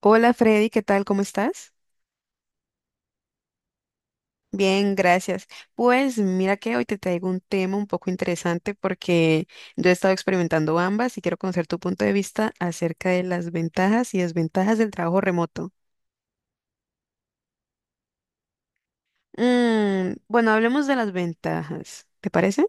Hola Freddy, ¿qué tal? ¿Cómo estás? Bien, gracias. Pues mira que hoy te traigo un tema un poco interesante porque yo he estado experimentando ambas y quiero conocer tu punto de vista acerca de las ventajas y desventajas del trabajo remoto. Bueno, hablemos de las ventajas, ¿te parece?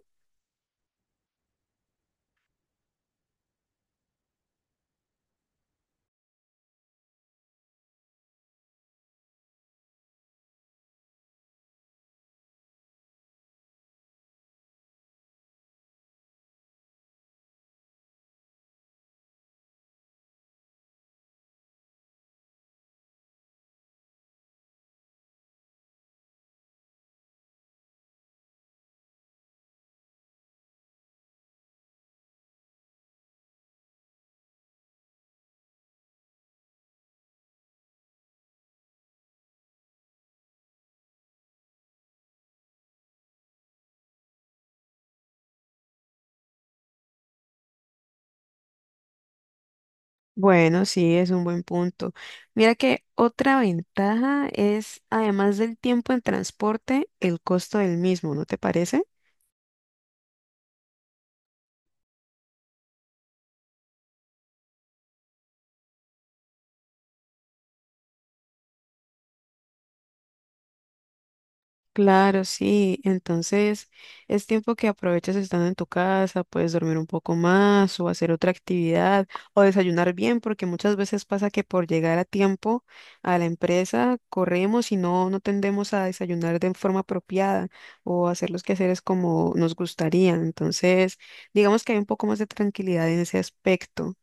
Bueno, sí, es un buen punto. Mira que otra ventaja es, además del tiempo en transporte, el costo del mismo, ¿no te parece? Claro, sí. Entonces, es tiempo que aproveches estando en tu casa, puedes dormir un poco más o hacer otra actividad o desayunar bien, porque muchas veces pasa que por llegar a tiempo a la empresa corremos y no, no tendemos a desayunar de forma apropiada o hacer los quehaceres como nos gustaría. Entonces, digamos que hay un poco más de tranquilidad en ese aspecto.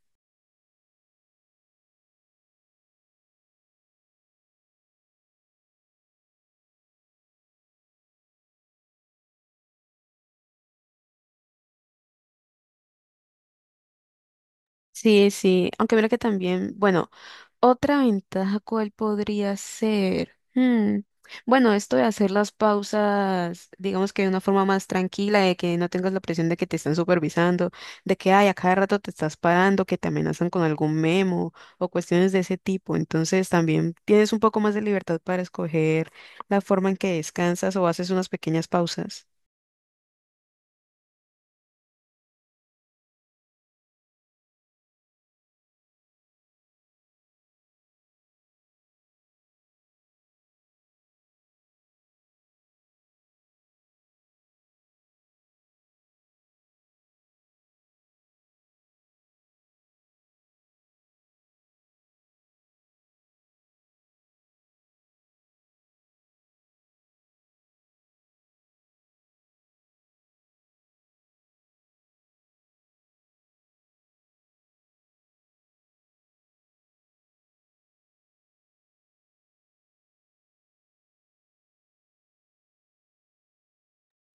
Sí, sí, aunque mira que también, bueno, otra ventaja cuál podría ser. Bueno, esto de hacer las pausas, digamos que de una forma más tranquila, de que no tengas la presión de que te están supervisando, de que ay, a cada rato te estás parando, que te amenazan con algún memo o cuestiones de ese tipo. Entonces también tienes un poco más de libertad para escoger la forma en que descansas o haces unas pequeñas pausas.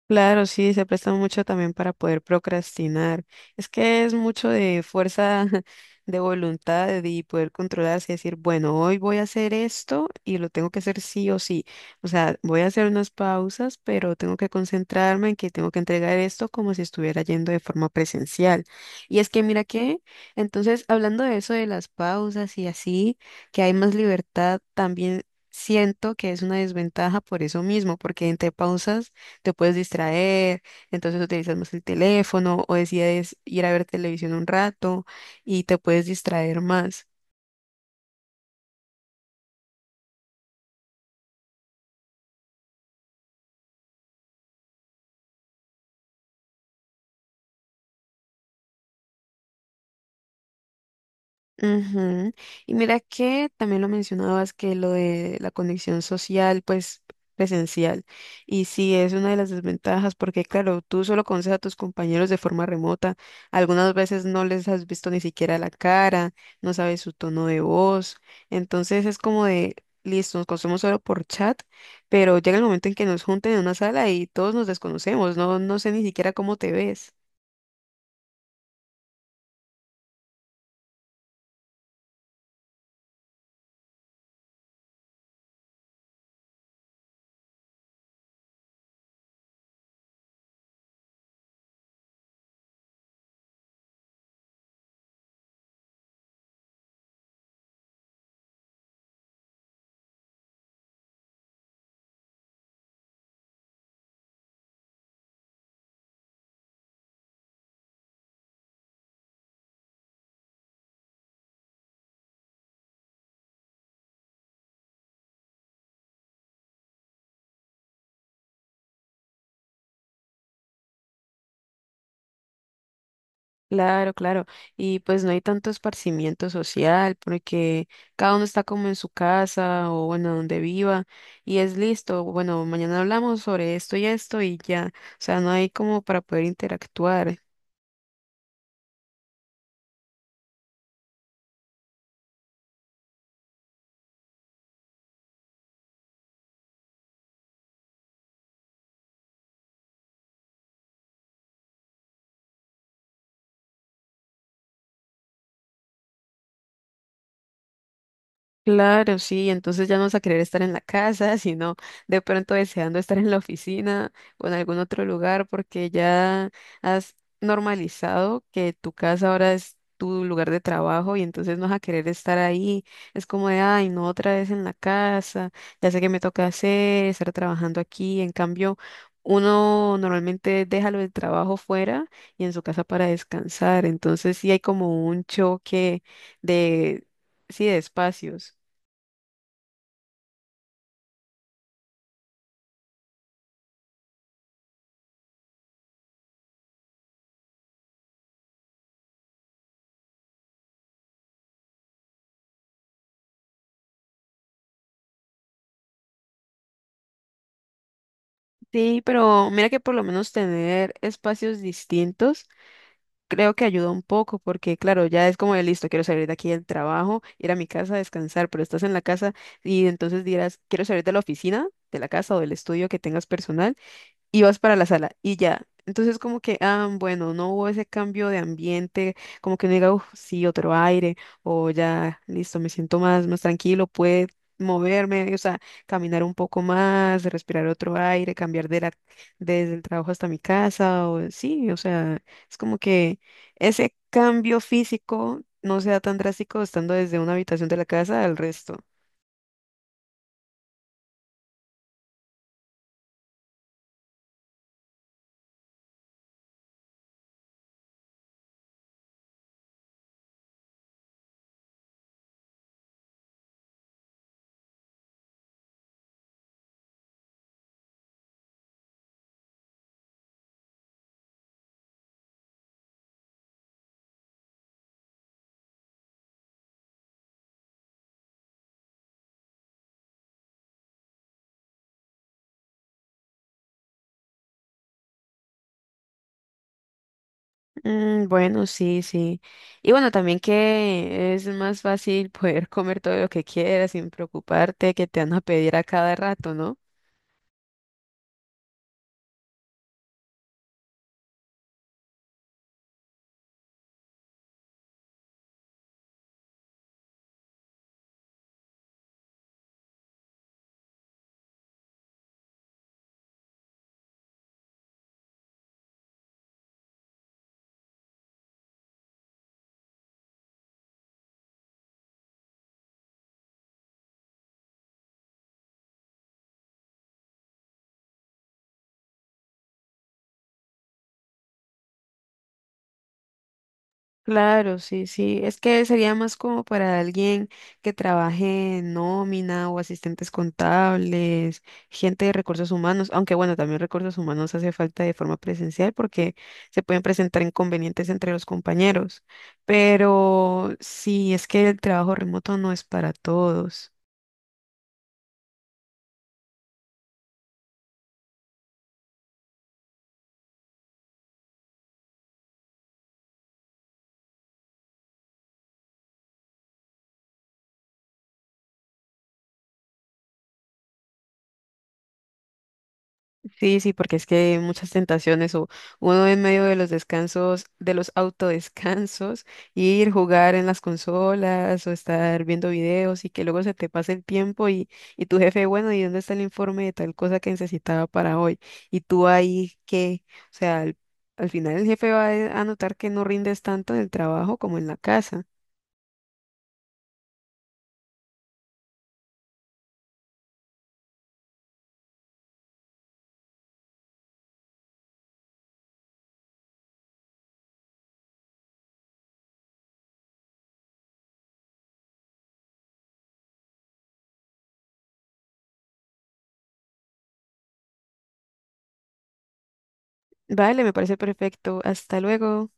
Claro, sí, se presta mucho también para poder procrastinar. Es que es mucho de fuerza de voluntad y poder controlarse y decir, bueno, hoy voy a hacer esto y lo tengo que hacer sí o sí. O sea, voy a hacer unas pausas, pero tengo que concentrarme en que tengo que entregar esto como si estuviera yendo de forma presencial. Y es que mira que, entonces, hablando de eso de las pausas y así, que hay más libertad, también siento que es una desventaja por eso mismo, porque entre pausas te puedes distraer, entonces utilizas más el teléfono o decides ir a ver televisión un rato y te puedes distraer más. Ujú. Y mira que también lo mencionabas que lo de la conexión social, pues presencial. Y sí, es una de las desventajas porque, claro, tú solo conoces a tus compañeros de forma remota. Algunas veces no les has visto ni siquiera la cara, no sabes su tono de voz. Entonces es como de, listo, nos conocemos solo por chat, pero llega el momento en que nos junten en una sala y todos nos desconocemos. No, no sé ni siquiera cómo te ves. Claro, claro. Y pues no hay tanto esparcimiento social porque cada uno está como en su casa o bueno, donde viva y es listo. Bueno, mañana hablamos sobre esto y esto y ya. O sea, no hay como para poder interactuar. Claro, sí, entonces ya no vas a querer estar en la casa, sino de pronto deseando estar en la oficina o en algún otro lugar, porque ya has normalizado que tu casa ahora es tu lugar de trabajo y entonces no vas a querer estar ahí. Es como de, ay, no otra vez en la casa, ya sé qué me toca hacer, estar trabajando aquí. En cambio, uno normalmente deja lo del trabajo fuera y en su casa para descansar, entonces sí hay como un choque de, sí, de espacios. Sí, pero mira que por lo menos tener espacios distintos creo que ayuda un poco, porque claro, ya es como de listo, quiero salir de aquí del trabajo, ir a mi casa a descansar, pero estás en la casa y entonces dirás, quiero salir de la oficina, de la casa o del estudio que tengas personal y vas para la sala y ya. Entonces como que, ah, bueno, no hubo ese cambio de ambiente, como que no diga, uff, sí, otro aire, o ya, listo, me siento más, más tranquilo, puedo moverme, o sea, caminar un poco más, respirar otro aire, cambiar de la, desde el trabajo hasta mi casa, o sí, o sea, es como que ese cambio físico no sea tan drástico estando desde una habitación de la casa al resto. Bueno, sí, sí. Y bueno, también que es más fácil poder comer todo lo que quieras sin preocuparte que te van a pedir a cada rato, ¿no? Claro, sí, sí. Es que sería más como para alguien que trabaje en nómina o asistentes contables, gente de recursos humanos, aunque bueno, también recursos humanos hace falta de forma presencial porque se pueden presentar inconvenientes entre los compañeros. Pero sí, es que el trabajo remoto no es para todos. Sí, sí, porque es que hay muchas tentaciones o uno en medio de los descansos, de los autodescansos, ir jugar en las consolas o estar viendo videos y que luego se te pase el tiempo y tu jefe, bueno, ¿y dónde está el informe de tal cosa que necesitaba para hoy? Y tú ahí que, o sea, al final el jefe va a notar que no rindes tanto en el trabajo como en la casa. Vale, me parece perfecto. Hasta luego.